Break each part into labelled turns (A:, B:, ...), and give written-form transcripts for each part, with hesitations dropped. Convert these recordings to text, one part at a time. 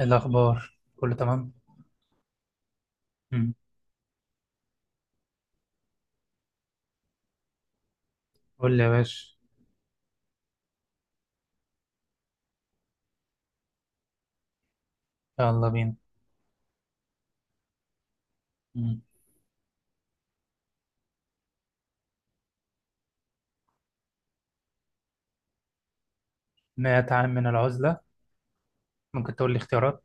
A: إيه الأخبار؟ كله تمام؟ مم. قول لي يا باشا. يلا بينا. مم. 100 عام من العزلة. ممكن تقول لي اختيارات؟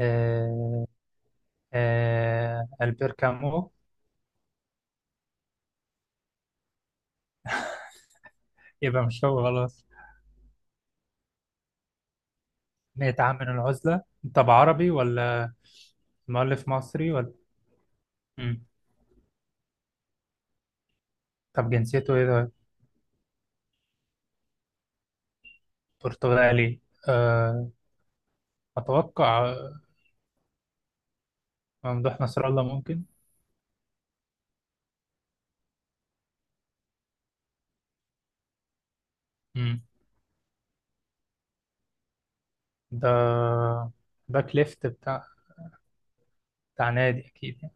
A: آه. آه، ألبير كامو. يبقى مش هو خلاص. 100 عام من العزلة. طب عربي ولا مؤلف مصري ولا؟ مم. طب جنسيته إيه ده؟ برتغالي؟ آه. أتوقع ممدوح نصر الله ممكن. مم. ده باك ليفت بتاع نادي أكيد يعني.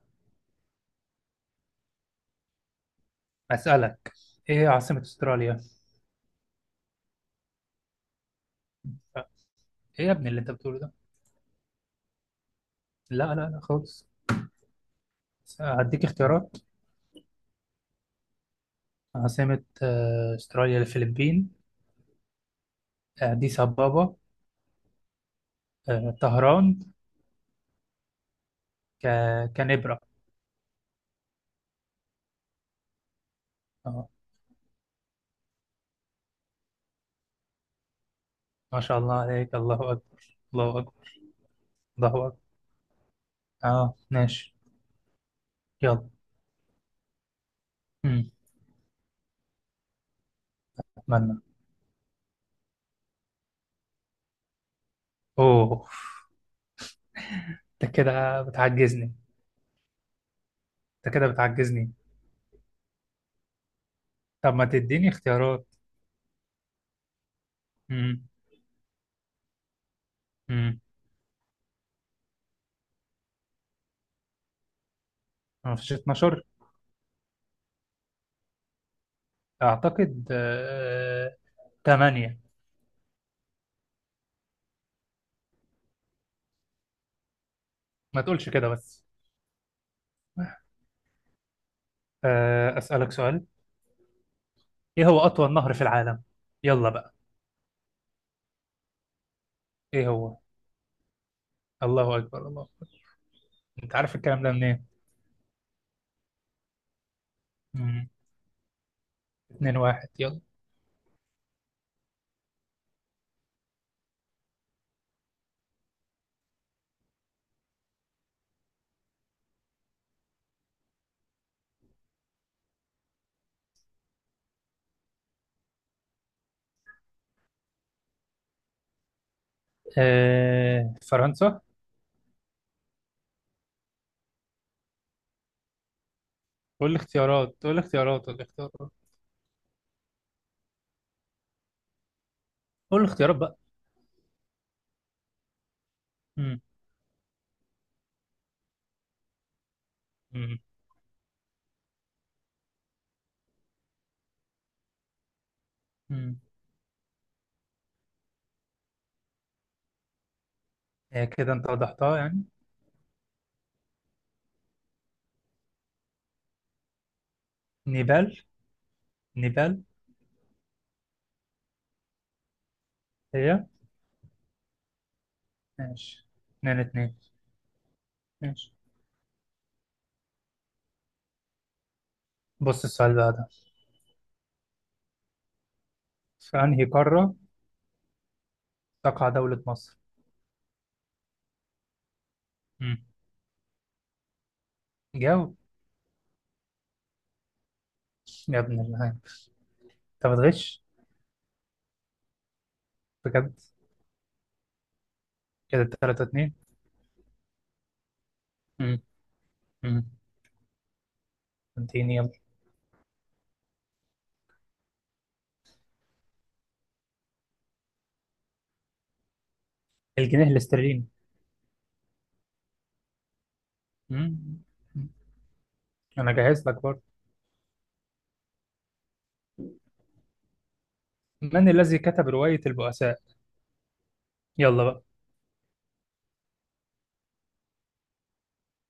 A: أسألك. إيه عاصمة أستراليا؟ ايه يا ابني اللي انت بتقوله ده؟ لا لا لا خالص. هديك اختيارات. عاصمة استراليا: الفلبين، اديس ابابا، طهران، ك... كانبرا. اه، ما شاء الله عليك، الله اكبر الله اكبر الله اكبر. اه ماشي. يلا. امم اتمنى. اوه، انت كده بتعجزني. انت كده بتعجزني. طب ما تديني اختيارات؟ امم امم ما فيش 12؟ اعتقد 8. ما تقولش كده بس. آه، اسالك سؤال. ايه هو اطول نهر في العالم؟ يلا بقى. ايه هو؟ الله اكبر الله اكبر. انت عارف الكلام ده منين؟ مم. اتنين واحد، يلا. آه، فرنسا. قول لي اختيارات، قول لي اختيارات، قول لي اختيارات. قول لي اختيارات بقى. مم. مم. مم. آه، كده انت وضحتها يعني. نيبال. نيبال. هي. ماشي، اتنين اتنين. ماشي، بص السؤال بقى ده. في انهي قارة تقع دولة مصر؟ مم. جاوب. يا ابن الله، انت بتغش! بجد! كده تلاتة اتنين. مم. مم. اديني يلا. الجنيه الاسترليني. مم. انا جاهز لك برضه. من الذي كتب رواية البؤساء؟ يلا بقى.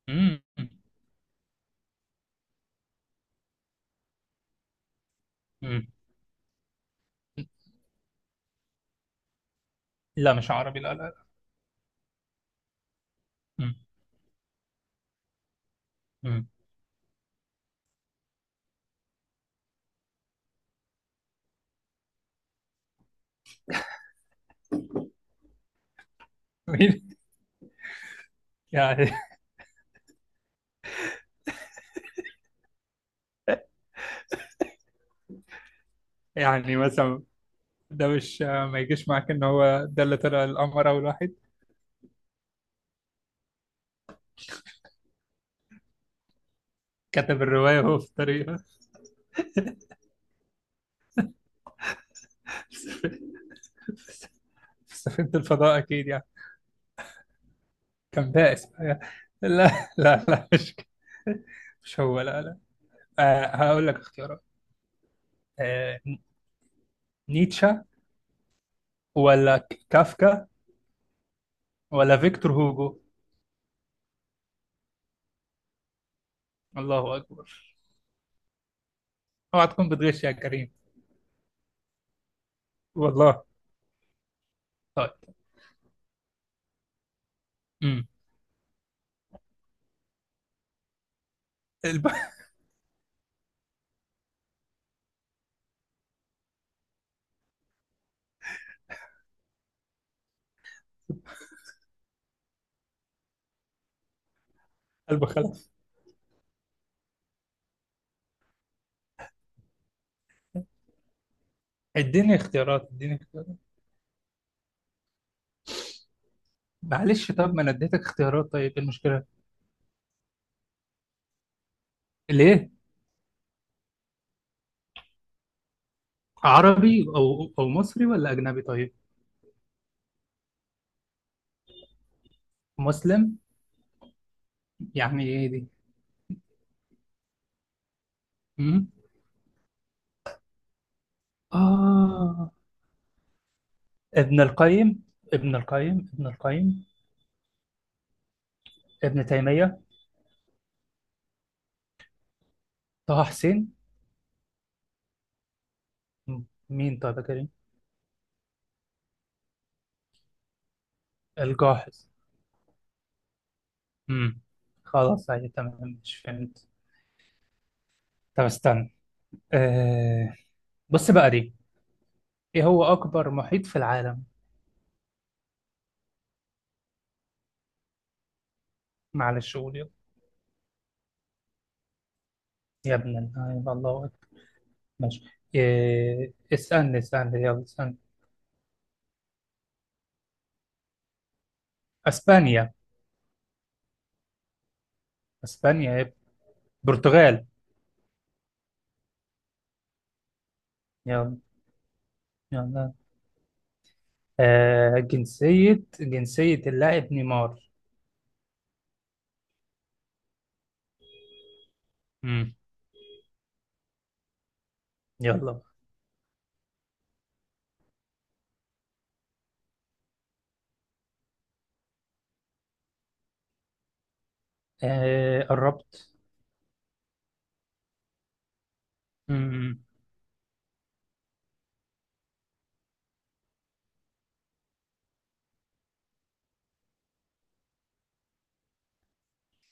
A: مم. مم. لا مش عربي، لا لا لا. مم. مم. مين؟ يعني. يعني مثلا، ده مش ما يجيش معاك ان هو ده اللي طلع القمر اول واحد؟ كتب الرواية وهو في الطريق. في سفينة الفضاء اكيد يعني. كان بائس بقى. لا لا لا، مش هو، لا لا. آه، هقول لك اختيارات. آه، نيتشه؟ ولا كافكا؟ ولا فيكتور هوجو؟ الله اكبر. اوعى تكون بتغش يا كريم! والله. طيب. امم قلب. قلب. خلاص. اديني اختيارات، اديني اختيارات. معلش، طب ما انا اديتك اختيارات، طيب ايه المشكله؟ ليه؟ عربي او مصري ولا اجنبي؟ طيب. مسلم؟ يعني ايه دي؟ امم اه. ابن القيم. ابن القيم. ابن القيم. ابن تيمية. طه حسين. م- مين طيب يا كريم؟ الجاحظ؟ امم خلاص عادي تمام، مش فهمت. طب استنى. أه... بص بقى دي. ايه هو اكبر محيط في العالم؟ معلش، قول يلا. يا ابن اللعيبة، الله اكبر. ماشي. اسألني اسألني يلا اسألني. اسبانيا. اسبانيا يا ابني. برتغال. يلا. يلا. جنسية اللاعب نيمار؟ امم يلا. آه، قربت. مم.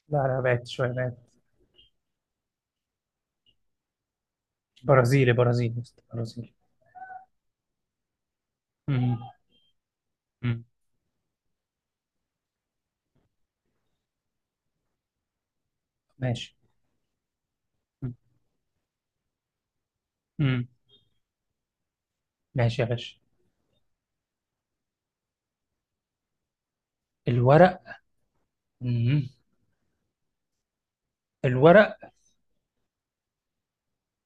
A: لا لا، بعدت شوية، بعدت. برازيلي، برازيلي يا اسطى، برازيلي. مم. مم. ماشي. مم. مم. ماشي يا باشا. الورق؟ مم. الورق.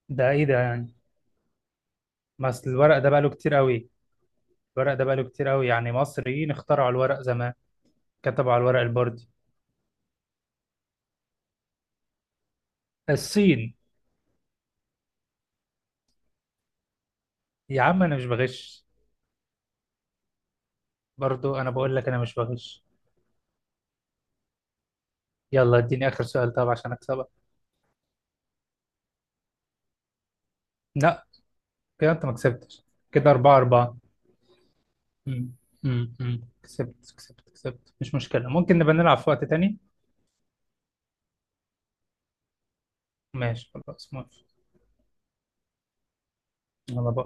A: ده ايه ده يعني؟ مثل الورق ده بقى له كتير قوي. الورق ده بقى له كتير قوي يعني مصريين اخترعوا الورق زمان. كتبوا على الورق البردي. الصين. يا عم، انا مش بغش. برضو انا بقول لك انا مش بغش. يلا اديني اخر سؤال طب عشان اكسبك. لا. كده انت ما كسبتش. كده أربعة أربعة. مم. مم. مم. كسبت كسبت كسبت، مش مشكلة، ممكن نبقى نلعب في وقت تاني. ماشي خلاص موافق. يلا، باي.